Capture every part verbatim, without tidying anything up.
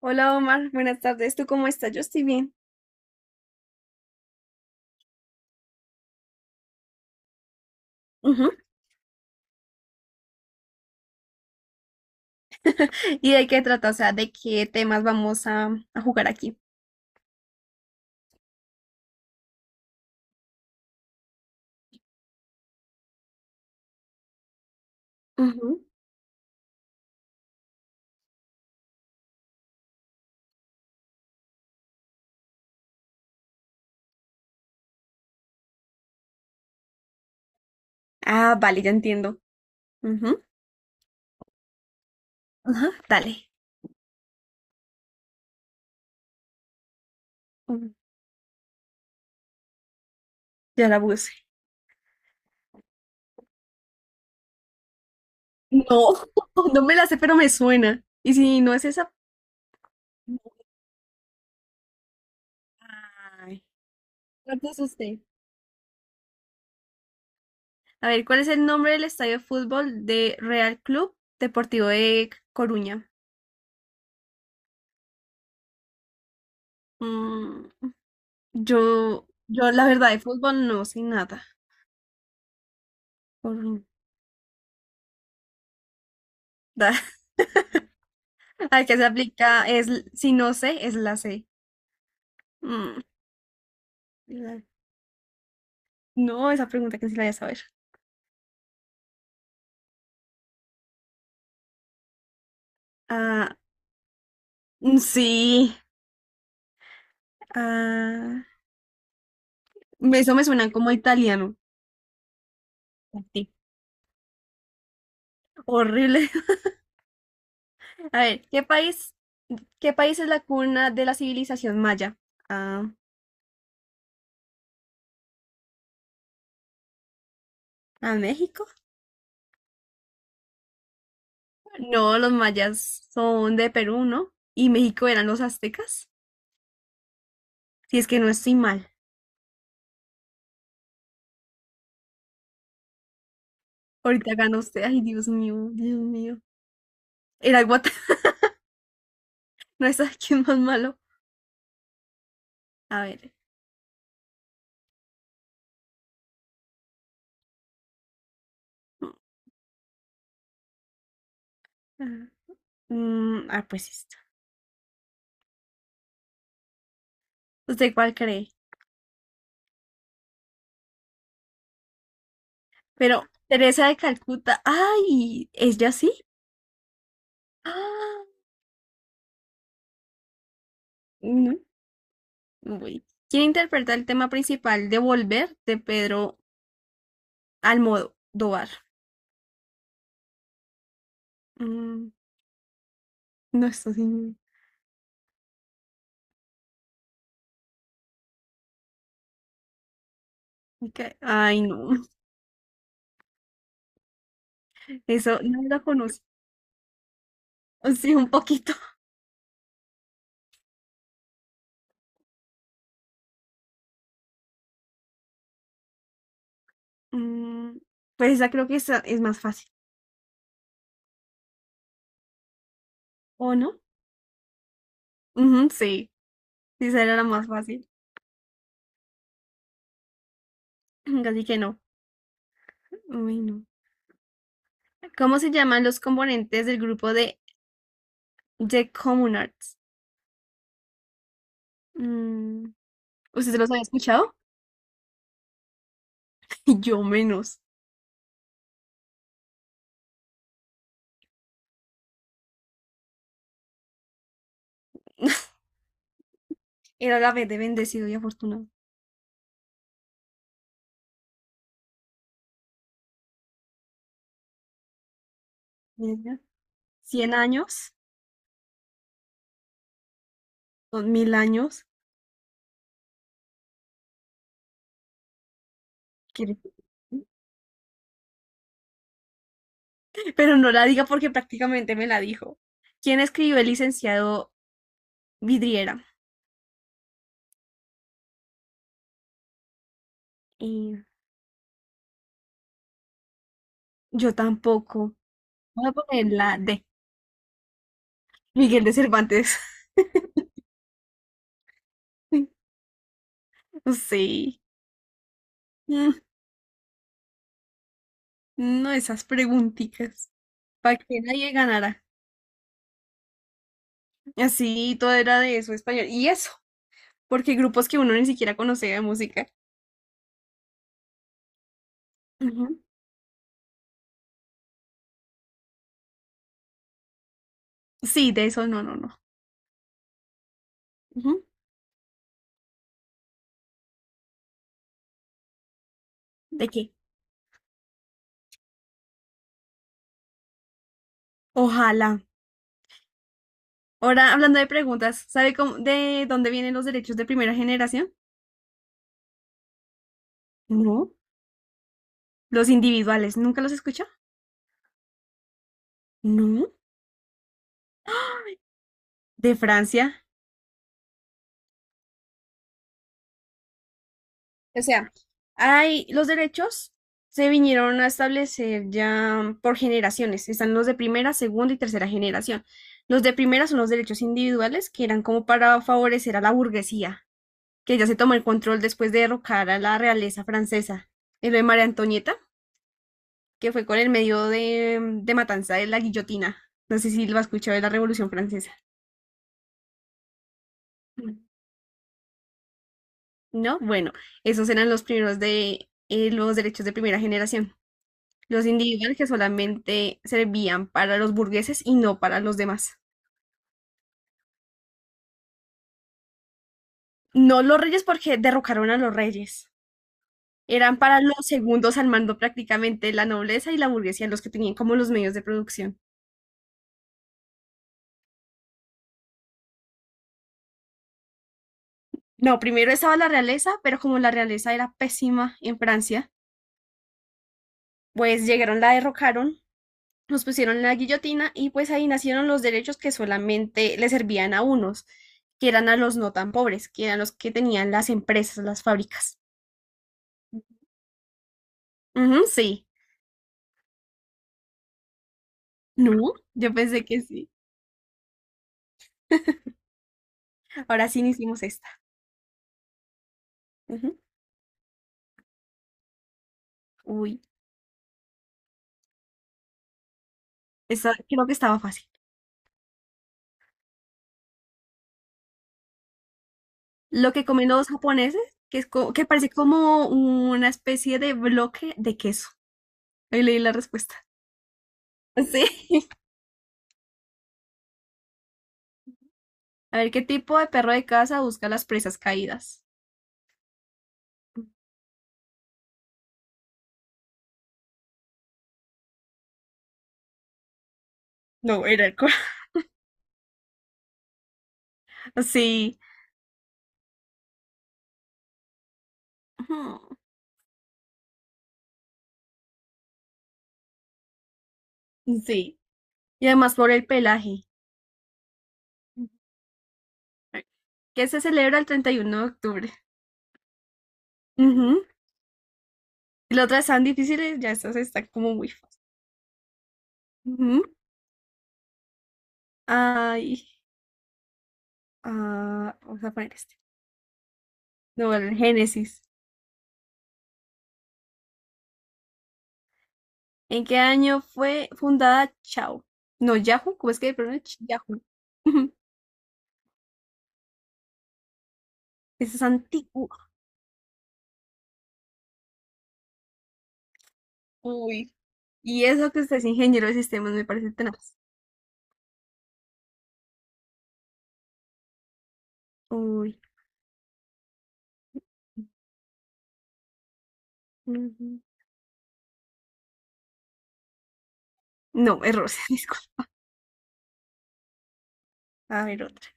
Hola Omar, buenas tardes. ¿Tú cómo estás? Yo estoy bien. Ujú. ¿Y de qué trata? O sea, ¿de qué temas vamos a, a jugar aquí? Ujú. Ah, vale, ya entiendo. Ujú. Ajá, dale. Mm, ya la puse. No, no me la sé, pero me suena. ¿Y si no es esa? Ay, ¿cuál puso usted? A ver, ¿cuál es el nombre del estadio de fútbol de Real Club Deportivo de Coruña? Mm, yo, yo la verdad de fútbol no sé nada. Coruña. La que se aplica es, l- si no sé, es la C. Mm, la- No, esa pregunta que sí la voy a saber. Ah, mm, sí. Ah, eso me suena como italiano. Sí. Horrible. A ver, ¿qué país, ¿qué país es la cuna de la civilización maya? Ah, ¿a México? No, los mayas son de Perú, ¿no? Y México eran los aztecas. Si es que no estoy mal. Ahorita gana usted. Ay, Dios mío, Dios mío. Era Guatemala. No es aquí más malo. A ver. Ajá. Mm, ah, pues esta. ¿Usted cuál cree? Pero Teresa de Calcuta. ¡Ay! Es ¿Ella sí? ¡Ah! No. Uy. ¿Quién interpreta el tema principal de Volver de Pedro Almodóvar? Mm, no, esto sí. me cae- Ay, no. Eso no lo conozco. Sí, un poquito. Mm, pues esa creo que esa es más fácil. ¿O no? Ujú, sí. Sí, esa era la más fácil. Casi que no. Uy, no. ¿Cómo se llaman los componentes del grupo de The Common Arts? Mm, ¿Usted los había escuchado? Yo menos. Era la vez de bendecido y afortunado. Mira, cien años. Dos mil años. quiere- Pero no la diga porque prácticamente me la dijo. ¿Quién escribió el licenciado Vidriera? Y yo tampoco. Voy a poner la D. Miguel de Cervantes. Sí. Mm, No esas preguntitas. Para que nadie ganara. Así todo era de eso español. Y eso. Porque grupos que uno ni siquiera conocía de música. Ujú. Sí, de eso no, no, no. Ujú. ¿De qué? Ojalá. Ahora, hablando de preguntas, ¿sabe cómo, de dónde vienen los derechos de primera generación? No. Los individuales, ¿nunca los escuchó? No. De Francia. O sea, hay los derechos se vinieron a establecer ya por generaciones. Están los de primera, segunda y tercera generación. Los de primera son los derechos individuales, que eran como para favorecer a la burguesía, que ella se tomó el control después de derrocar a la realeza francesa. Y lo de María Antonieta, que fue con el medio de, mm, de matanza de la guillotina. No sé si lo has escuchado de la Revolución Francesa. ¿No? Bueno, esos eran los primeros de eh, los derechos de primera generación. Los individuales que solamente servían para los burgueses y no para los demás. No los reyes porque derrocaron a los reyes. Eran para los segundos al mando, prácticamente la nobleza y la burguesía, los que tenían como los medios de producción. No, primero estaba la realeza, pero como la realeza era pésima en Francia, pues llegaron, la derrocaron, nos pusieron en la guillotina y pues ahí nacieron los derechos que solamente le servían a unos, que eran a los no tan pobres, que eran los que tenían las empresas, las fábricas. Ujú, sí. No, yo pensé que sí. Ahora sí hicimos esta. Ujú. Uy, esta creo que estaba fácil. Lo que comen los japoneses, que es co- que parece como una especie de bloque de queso. Ahí leí la respuesta. Sí. A ver qué tipo de perro de casa busca las presas caídas. No, era el cual. Sí. Ujú. Sí. Y además por el pelaje. ¿Qué se celebra el treinta y uno de octubre? Ujú. Y las otras están difíciles, ya estas están como muy fáciles. Ujú. Ay, ah, vamos a poner este. No, el Génesis. ¿En qué año fue fundada Chao? No, Yahoo, ¿cómo es que pronuncia? Yahoo. Ujú. Eso es antiguo. Uy. Y eso que usted es ingeniero de sistemas me parece tenaz. Uy. Ujú. No, error, disculpa. A ver, otra.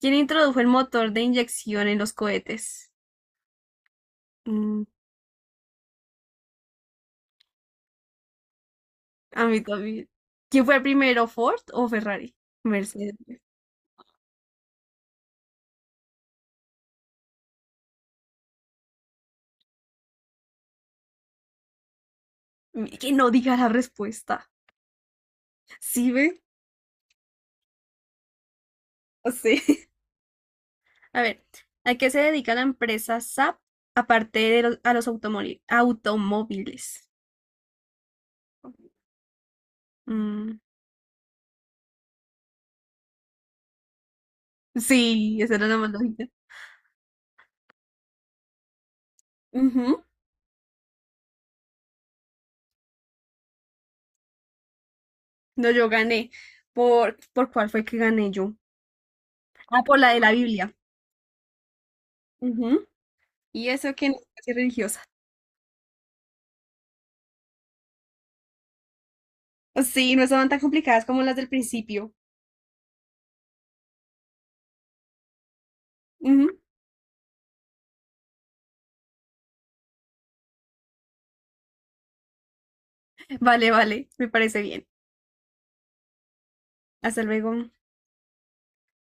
¿Quién introdujo el motor de inyección en los cohetes? Mm, a mí también. ¿Quién fue primero, Ford o Ferrari? Mercedes. Mm, Que no diga la respuesta. ¿Sí ve? No sé. A ver, ¿a qué se dedica la empresa S A P aparte de los- a los automoli- automóviles? Mm, sí, esa era la más lógica. Ujú. No, yo gané. ¿Por, ¿por cuál fue que gané yo? Ah, por la de la Biblia. Ujú. Y eso que no soy religiosa. Sí, no estaban tan complicadas como las del principio. Ujú. Vale, vale, me parece bien. Hasta luego.